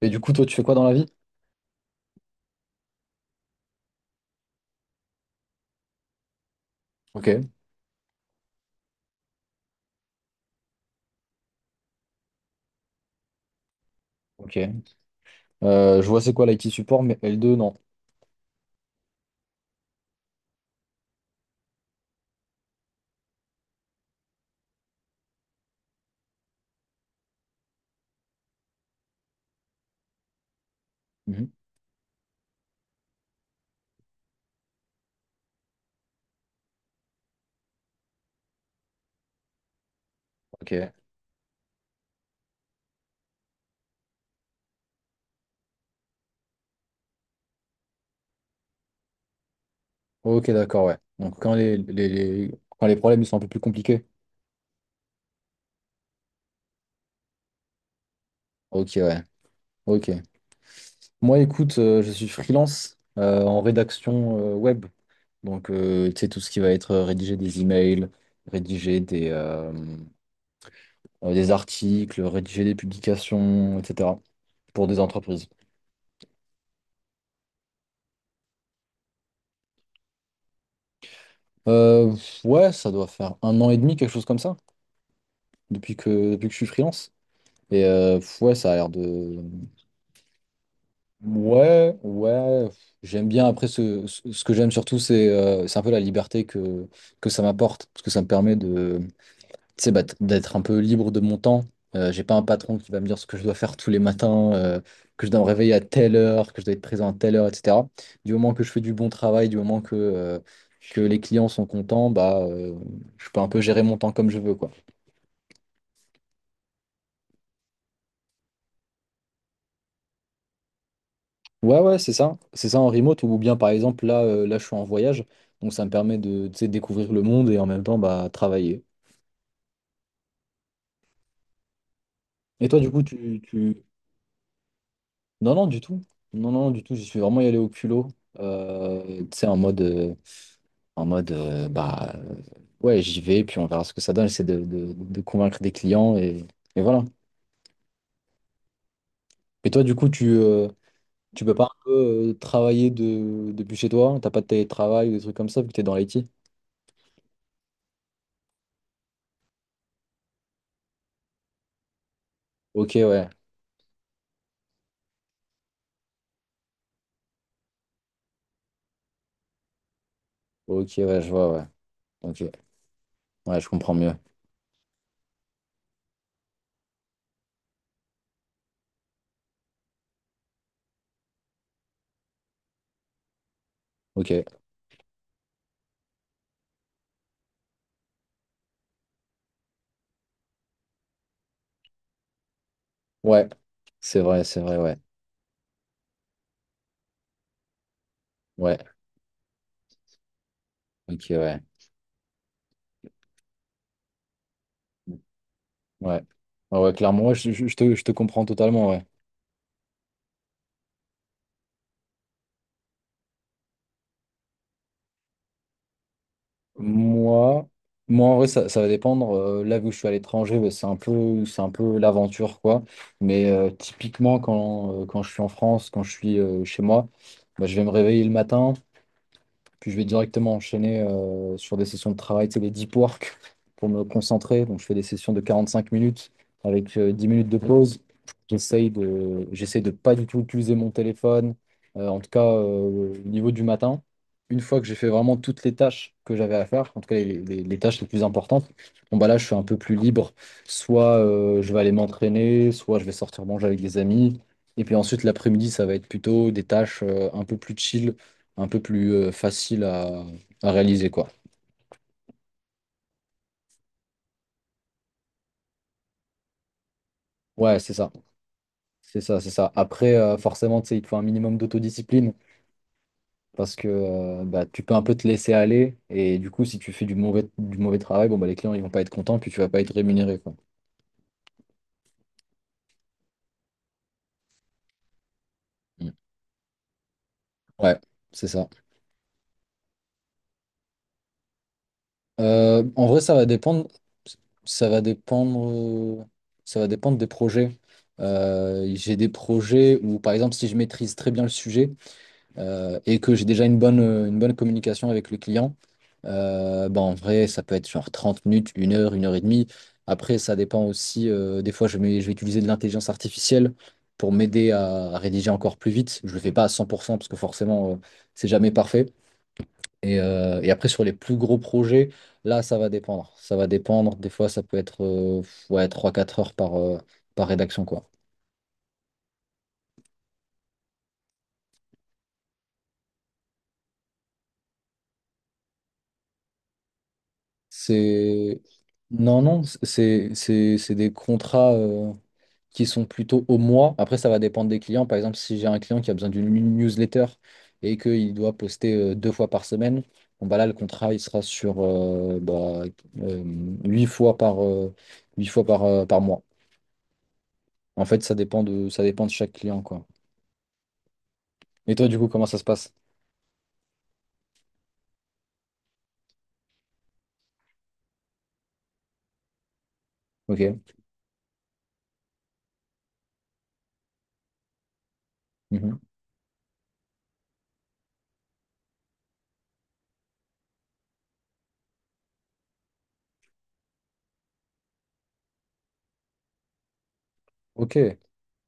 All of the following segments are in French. Et du coup, toi, tu fais quoi dans la vie? Ok, ok. Je vois c'est quoi l'IT support, mais L2, non. Mhm. Ok, ok, d'accord, ouais. Donc, quand les problèmes ils sont un peu plus compliqués. Ok, ouais, ok. Moi, écoute, je suis freelance en rédaction web. Donc, tu sais, tout ce qui va être rédiger des emails, rédiger des, euh, des articles, rédiger des publications, etc. pour des entreprises. Euh, ouais, ça doit faire un an et demi, quelque chose comme ça, depuis que je suis freelance. Et pff, ouais, ça a l'air de. Ouais, ouais. Pff, j'aime bien. Après, ce que j'aime surtout, c'est un peu la liberté que ça m'apporte. Parce que ça me permet de, tu sais, bah, d'être un peu libre de mon temps. J'ai pas un patron qui va me dire ce que je dois faire tous les matins, que je dois me réveiller à telle heure, que je dois être présent à telle heure, etc. Du moment que je fais du bon travail, que les clients sont contents, bah, je peux un peu gérer mon temps comme je veux, quoi. Ouais, ouais, c'est ça. C'est ça en remote ou bien par exemple là, là je suis en voyage, donc ça me permet de, tu sais, découvrir le monde et en même temps bah, travailler. Et toi du coup tu, tu... Non, non, du tout. Non, non, du tout, j'y suis vraiment y allé au culot. Tu sais, en mode, en mode euh, bah euh, ouais, j'y vais, puis on verra ce que ça donne. J'essaie de convaincre des clients et voilà. Et toi du coup tu peux pas un peu travailler depuis chez toi? T'as pas de télétravail ou des trucs comme ça vu que t'es dans l'IT? Ok, ouais. Ok, ouais, je vois, ouais. Ok. Ouais, je comprends mieux. Ok. Ouais. C'est vrai, ouais. Ouais. Ok, ouais. Ouais. Ouais, ouais, clairement, ouais, je te comprends totalement, ouais. Moi, Moi en vrai, ça va dépendre. Là, où je suis à l'étranger, bah, c'est un peu l'aventure, quoi. Mais typiquement, quand je suis en France, quand je suis chez moi, bah, je vais me réveiller le matin. Puis je vais directement enchaîner sur des sessions de travail, c'est les deep work pour me concentrer. Donc je fais des sessions de 45 minutes avec 10 minutes de pause. J'essaye de pas du tout utiliser mon téléphone, en tout cas au niveau du matin. Une fois que j'ai fait vraiment toutes les tâches que j'avais à faire, en tout cas les tâches les plus importantes, bon bah là je suis un peu plus libre. Soit je vais aller m'entraîner, soit je vais sortir manger avec des amis. Et puis ensuite l'après-midi, ça va être plutôt des tâches un peu plus chill un peu plus facile à réaliser, quoi. Ouais, c'est ça. C'est ça, c'est ça. Après, forcément, tu sais, il te faut un minimum d'autodiscipline parce que bah, tu peux un peu te laisser aller et du coup, si tu fais du mauvais travail, bon, bah, les clients, ils vont pas être contents puis tu vas pas être rémunéré, quoi. Mm. Ouais, c'est ça. En vrai, ça va dépendre. Ça va dépendre. euh, Ça va dépendre des projets. J'ai des projets où, par exemple, si je maîtrise très bien le sujet, et que j'ai déjà une bonne communication avec le client, bah, en vrai, ça peut être genre 30 minutes, une heure et demie. Après, ça dépend aussi. Des fois, je vais utiliser de l'intelligence artificielle pour m'aider à rédiger encore plus vite. Je ne le fais pas à 100% parce que forcément, c'est jamais parfait. Et après, sur les plus gros projets, là, ça va dépendre. Ça va dépendre. Des fois, ça peut être ouais, trois quatre heures par rédaction, quoi. C'est... Non, non, c'est des contrats. Qui sont plutôt au mois. Après, ça va dépendre des clients. Par exemple, si j'ai un client qui a besoin d'une newsletter et qu'il doit poster deux fois par semaine, bon, bah là, le contrat, il sera sur euh, huit fois huit fois par, par mois. En fait, ça dépend de chaque client, quoi. Et toi, du coup, comment ça se passe? Ok. Mhm. Ok.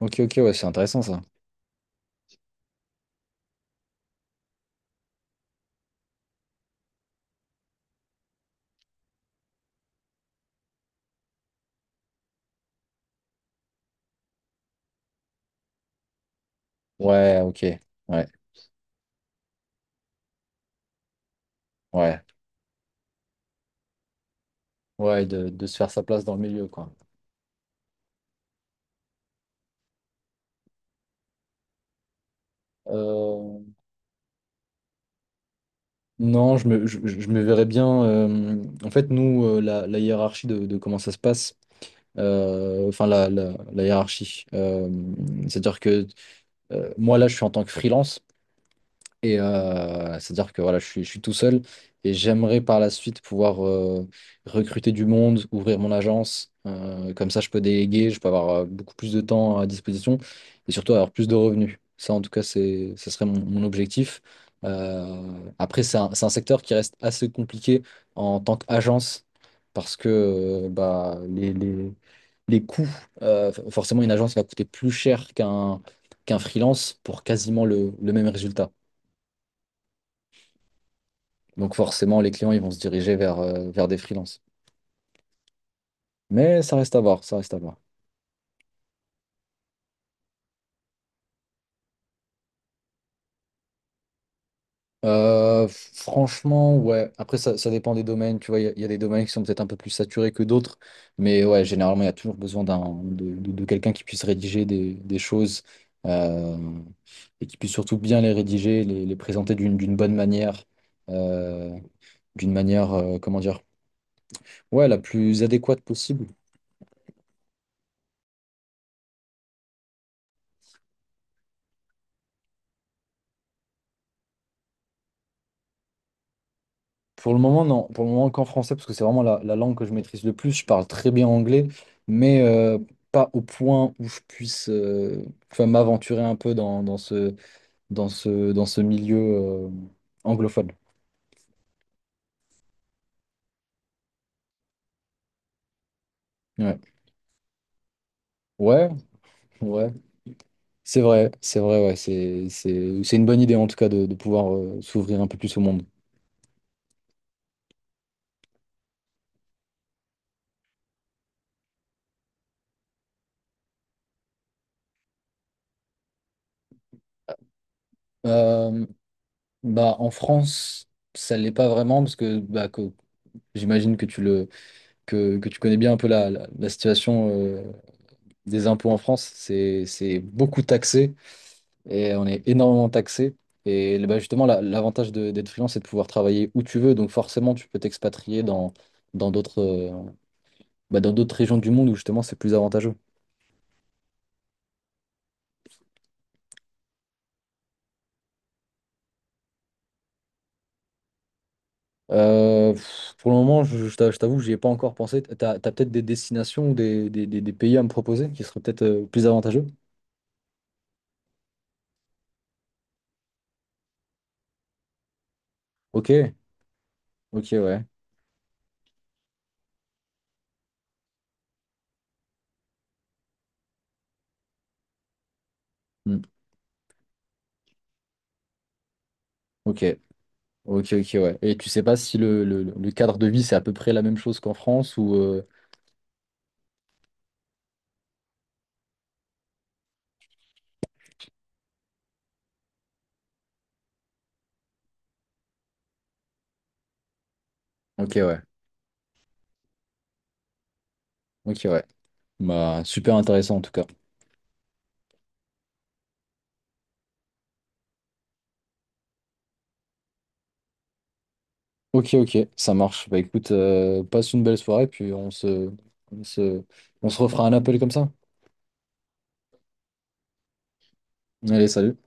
Ok, ok, ouais, c'est intéressant, ça. Ouais, ok. Ouais, ouais. Ouais, de se faire sa place dans le milieu, quoi. Euh, Non, je me verrais bien. En fait, nous, la hiérarchie de comment ça se passe, enfin, la hiérarchie. C'est-à-dire que moi, là, je suis en tant que freelance. Et c'est-à-dire que voilà, je suis tout seul et j'aimerais par la suite pouvoir recruter du monde, ouvrir mon agence. Comme ça, je peux déléguer, je peux avoir beaucoup plus de temps à disposition et surtout avoir plus de revenus. Ça, en tout cas, c'est, ce serait mon objectif. Euh, Après, c'est un secteur qui reste assez compliqué en tant qu'agence parce que bah, les coûts, forcément, une agence va coûter plus cher qu'un freelance pour quasiment le même résultat. Donc forcément, les clients, ils vont se diriger vers des freelances. Mais ça reste à voir, ça reste à voir. Euh, Franchement, ouais. Après, ça dépend des domaines. Tu vois, il y a des domaines qui sont peut-être un peu plus saturés que d'autres. Mais ouais, généralement, il y a toujours besoin de quelqu'un qui puisse rédiger des choses euh, et qui puisse surtout bien les rédiger, les présenter d'une bonne manière, euh, d'une manière, comment dire, ouais, la plus adéquate possible. Pour le moment, non. Pour le moment, qu'en français, parce que c'est vraiment la langue que je maîtrise le plus. Je parle très bien anglais, mais pas au point où je puisse enfin, m'aventurer un peu dans ce, dans ce milieu anglophone. Ouais, ouais, ouais. C'est vrai, ouais. C'est une bonne idée, en tout cas, de pouvoir s'ouvrir un peu plus au monde. Euh, Bah, en France, ça l'est pas vraiment, parce que, bah, j'imagine que que tu connais bien un peu la situation. Des impôts en France, c'est beaucoup taxé et on est énormément taxé. Et bah, justement, l'avantage d'être freelance, c'est de pouvoir travailler où tu veux. Donc forcément, tu peux t'expatrier dans d'autres bah, dans d'autres régions du monde où justement c'est plus avantageux. Pour le moment, je t'avoue que j'y ai pas encore pensé. T'as peut-être des destinations ou des pays à me proposer qui seraient peut-être plus avantageux? Ok, ok, ouais. Hmm. Ok, ok, ok, ouais. Et tu sais pas si le cadre de vie, c'est à peu près la même chose qu'en France ou... Ok, ouais. Ok, ouais. Bah, super intéressant en tout cas. Ok, ok, ça marche. Bah écoute, passe une belle soirée, puis on se, on se refera un appel comme ça. Allez, salut.